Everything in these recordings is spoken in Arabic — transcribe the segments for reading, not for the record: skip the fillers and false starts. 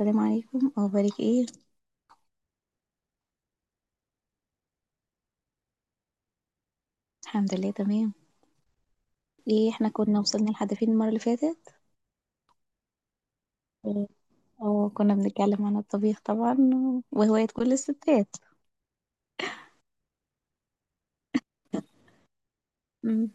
السلام عليكم، أخبارِك إيه؟ الحمد لله تمام. إيه إحنا كنا وصلنا لحد فين المرّة اللي فاتت؟ آآ كنا بنتكلّم عن الطبيخ طبعًا وهواية كل الستّات. إمم.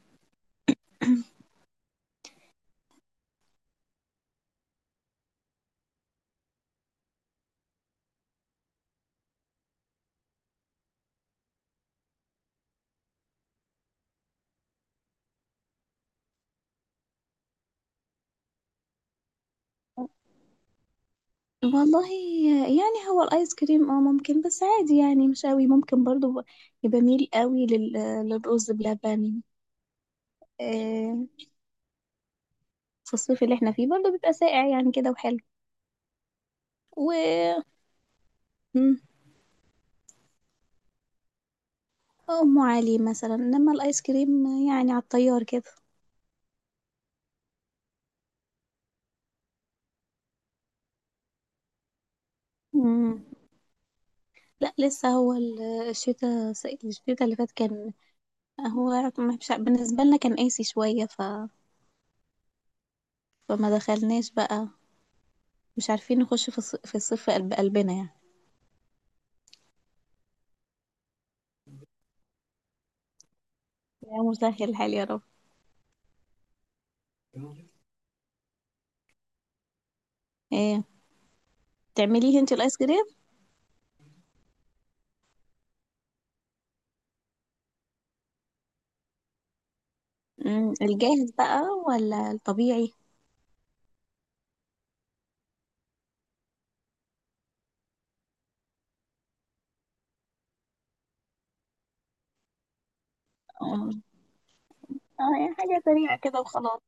والله، يعني هو الآيس كريم ممكن، بس عادي يعني مش أوي، ممكن برضه باميل أوي للرُز بلبن. آآ في الصيف اللي إحنا فيه برضه بيبقى ساقع يعني كده وحلو و، إمم، أم علي مثلًا، إنّما الآيس كريم يعني على الطيّار كده. إمم. لا، لسه هو الشتاء الشتاء اللي فات كان هو مش ع- بالنسبة لنا كان قاسي شوية، فما دخلناش بقى. مش عارفين نخش في الصيف، في قلب قلبنا يعني. يا مسهل الحال يا رب. ايه، تعمليه انت الايس كريم؟ مم، الجاهز بقى ولا الطبيعي؟ اه. يعني حاجة سريعة كده وخلاص.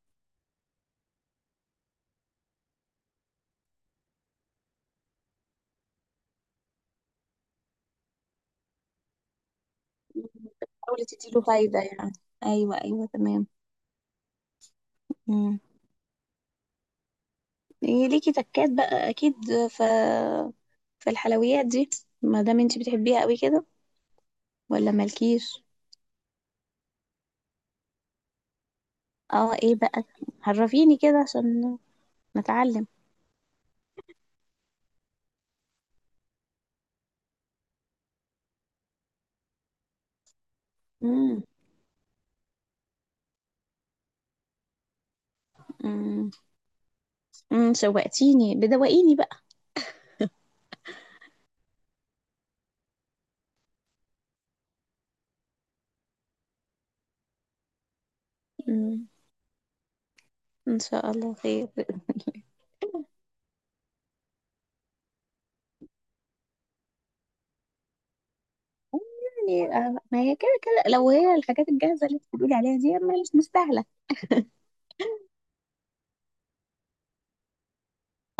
بتحاولي تديله فايدة يعني. ايوه، ايوه، تمام. مم. إيه ليكي تكات بقى اكيد في في الحلويات دي، ما دام انت بتحبيها قوي كده ولا مالكيش؟ اه، ايه بقى، عرفيني كده عشان نتعلم. امم امم أمم، شوقتيني بدوقيني بقى. امم ان شاء الله خير. يعني ما هي كده كده، لو هي الحاجات الجاهزه اللي بتقولي عليها دي ما مش مستاهله.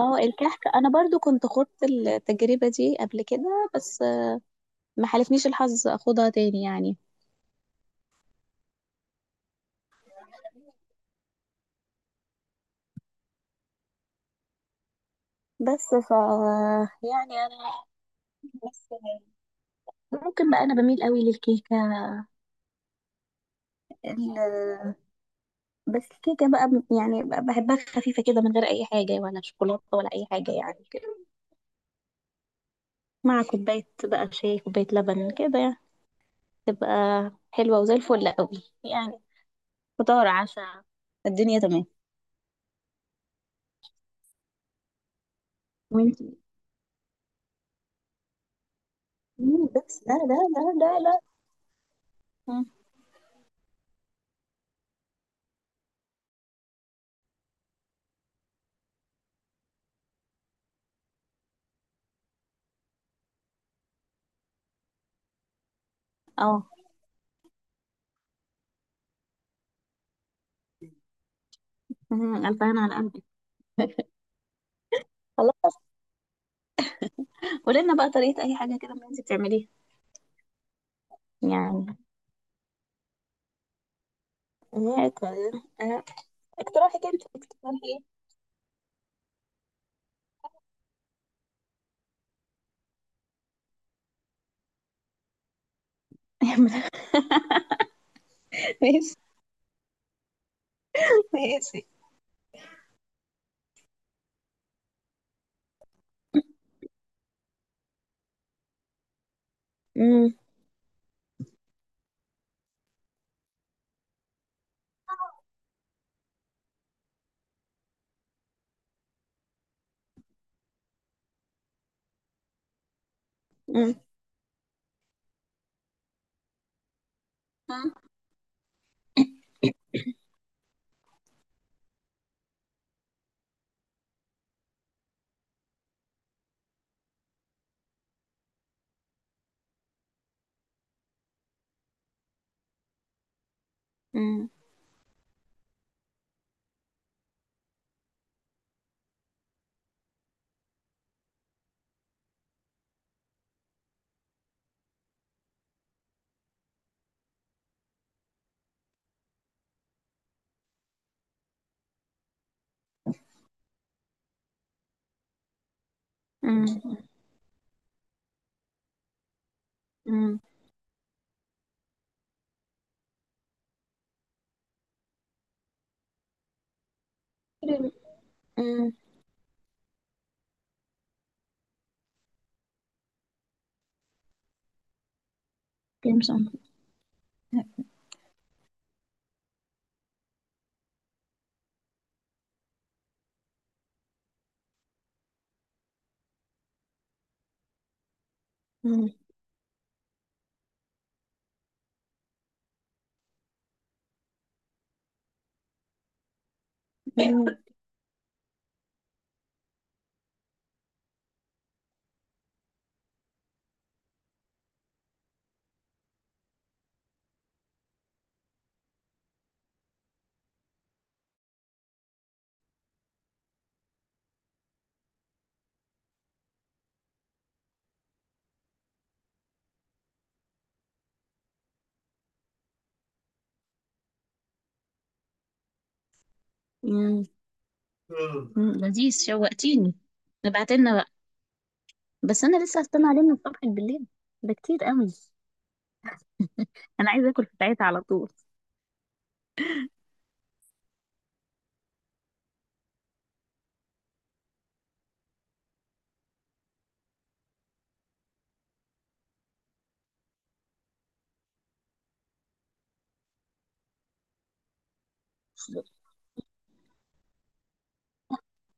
اه، الكحك انا برضو كنت خدت التجربه دي قبل كده، بس ما حالفنيش الحظ اخدها تاني يعني. بس ف، يعني انا بس، ممكن بقى انا بميل قوي للكيكه. بس الكيكة بقى يعني بحبها خفيفة كده من غير أي حاجة، ولا شوكولاتة ولا أي حاجة يعني كده، مع كوباية بقى شاي، كوباية لبن كده يعني، تبقى حلوة وزي الفل قوي يعني. فطار، عشاء، الدنيا تمام. وانتي. مم، بس لا، لا، لا، لا، لا. مم. اه. مم، ألف هنا على قلبك. خلاص، قولي بقى طريقة أي حاجة كده من اللي انتي بتعمليه يعني. كويس. آه، اقتراحك انت، اقتراحي ايه؟ ماشي، ماشي. مم، مم، مم، مم. مم. مم. مم. كريم سمر. مم. مم. مم. مم. لذيذ، شوقتيني، ابعت لنا بقى. بس انا لسه هستنى عليه من الصبح بالليل؟ ده كتير قوي. انا عايزه اكل في ساعتها على طول.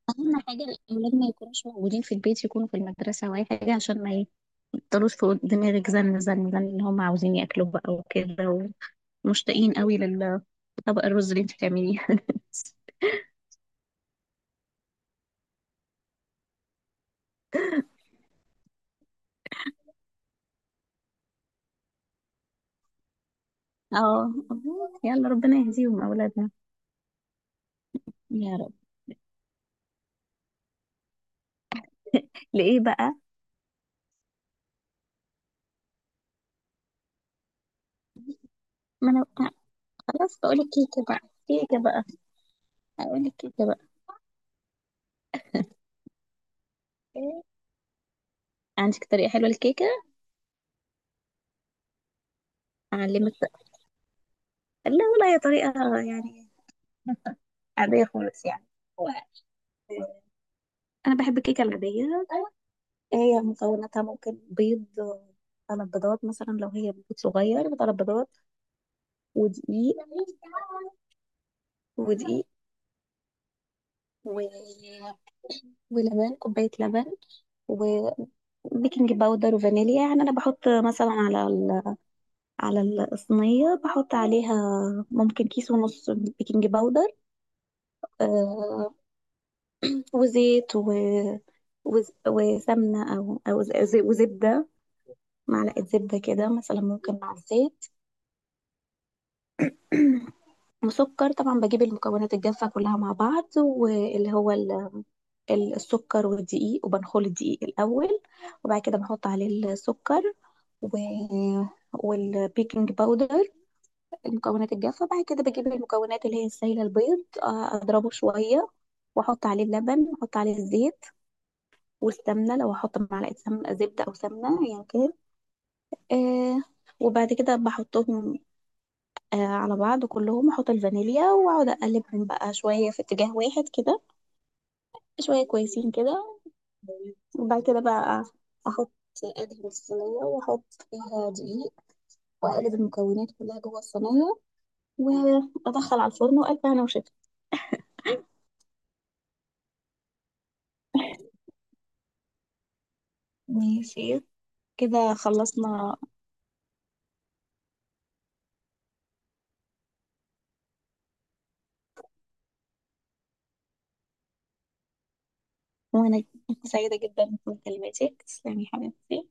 اهم حاجه الاولاد ما يكونوش موجودين في البيت، يكونوا في المدرسه او اي حاجه، عشان ما يفضلوش فوق دماغك زن زن زن، ان هم عاوزين ياكلوا بقى وكده، ومشتاقين قوي للطبق الرز اللي انت بتعمليه. اه، يلا ربنا يهديهم اولادنا. يا رب. لايه بقى؟ ما انا خلاص بقولك كيكة بقى، كيكة بقى، هقولك كيكة بقى. إيه؟ عندك طريقة حلوة للكيكة؟ أعلمك بقى. لا والله، هي طريقة يعني عادية خالص يعني. هو أنا بحب الكيكة العادية. هي مكوناتها ممكن بيض، 3 بيضات مثلا، لو هي بيض صغير 3 بيضات، ودقيق ودقيق و... ولبن، كوباية لبن، وبيكنج باودر وفانيليا. يعني أنا بحط مثلا على ال على الصينية، بحط عليها ممكن كيس ونص بيكنج باودر، آه وزيت وسمنة، أو وزبدة، معلقة زبدة كده مثلا ممكن مع الزيت. وسكر طبعا. بجيب المكونات الجافة كلها مع بعض، واللي هو السكر والدقيق، وبنخل الدقيق الأول، وبعد كده بحط عليه السكر و... والبيكنج باودر، المكونات الجافة. بعد كده بجيب المكونات اللي هي السائلة، البيض، أضربه شوية، وأحط عليه اللبن وأحط عليه الزيت والسمنة، لو هحط معلقة سمنة زبدة أو سمنة أيا كان. آه وبعد كده بحطهم على بعض كلهم، أحط الفانيليا، وأقعد أقلبهم بقى شوية في اتجاه واحد كده، شوية كويسين كده. وبعد كده بقى أحط، أدهن الصينية وأحط فيها دقيق، وأقلب المكونات كلها جوه الصينية، وأدخل على الفرن، وألف هنا وشفا. ماشي، كده خلصنا. وأنا سعيدة جدا بمكالمتك، تسلمي حبيبتي.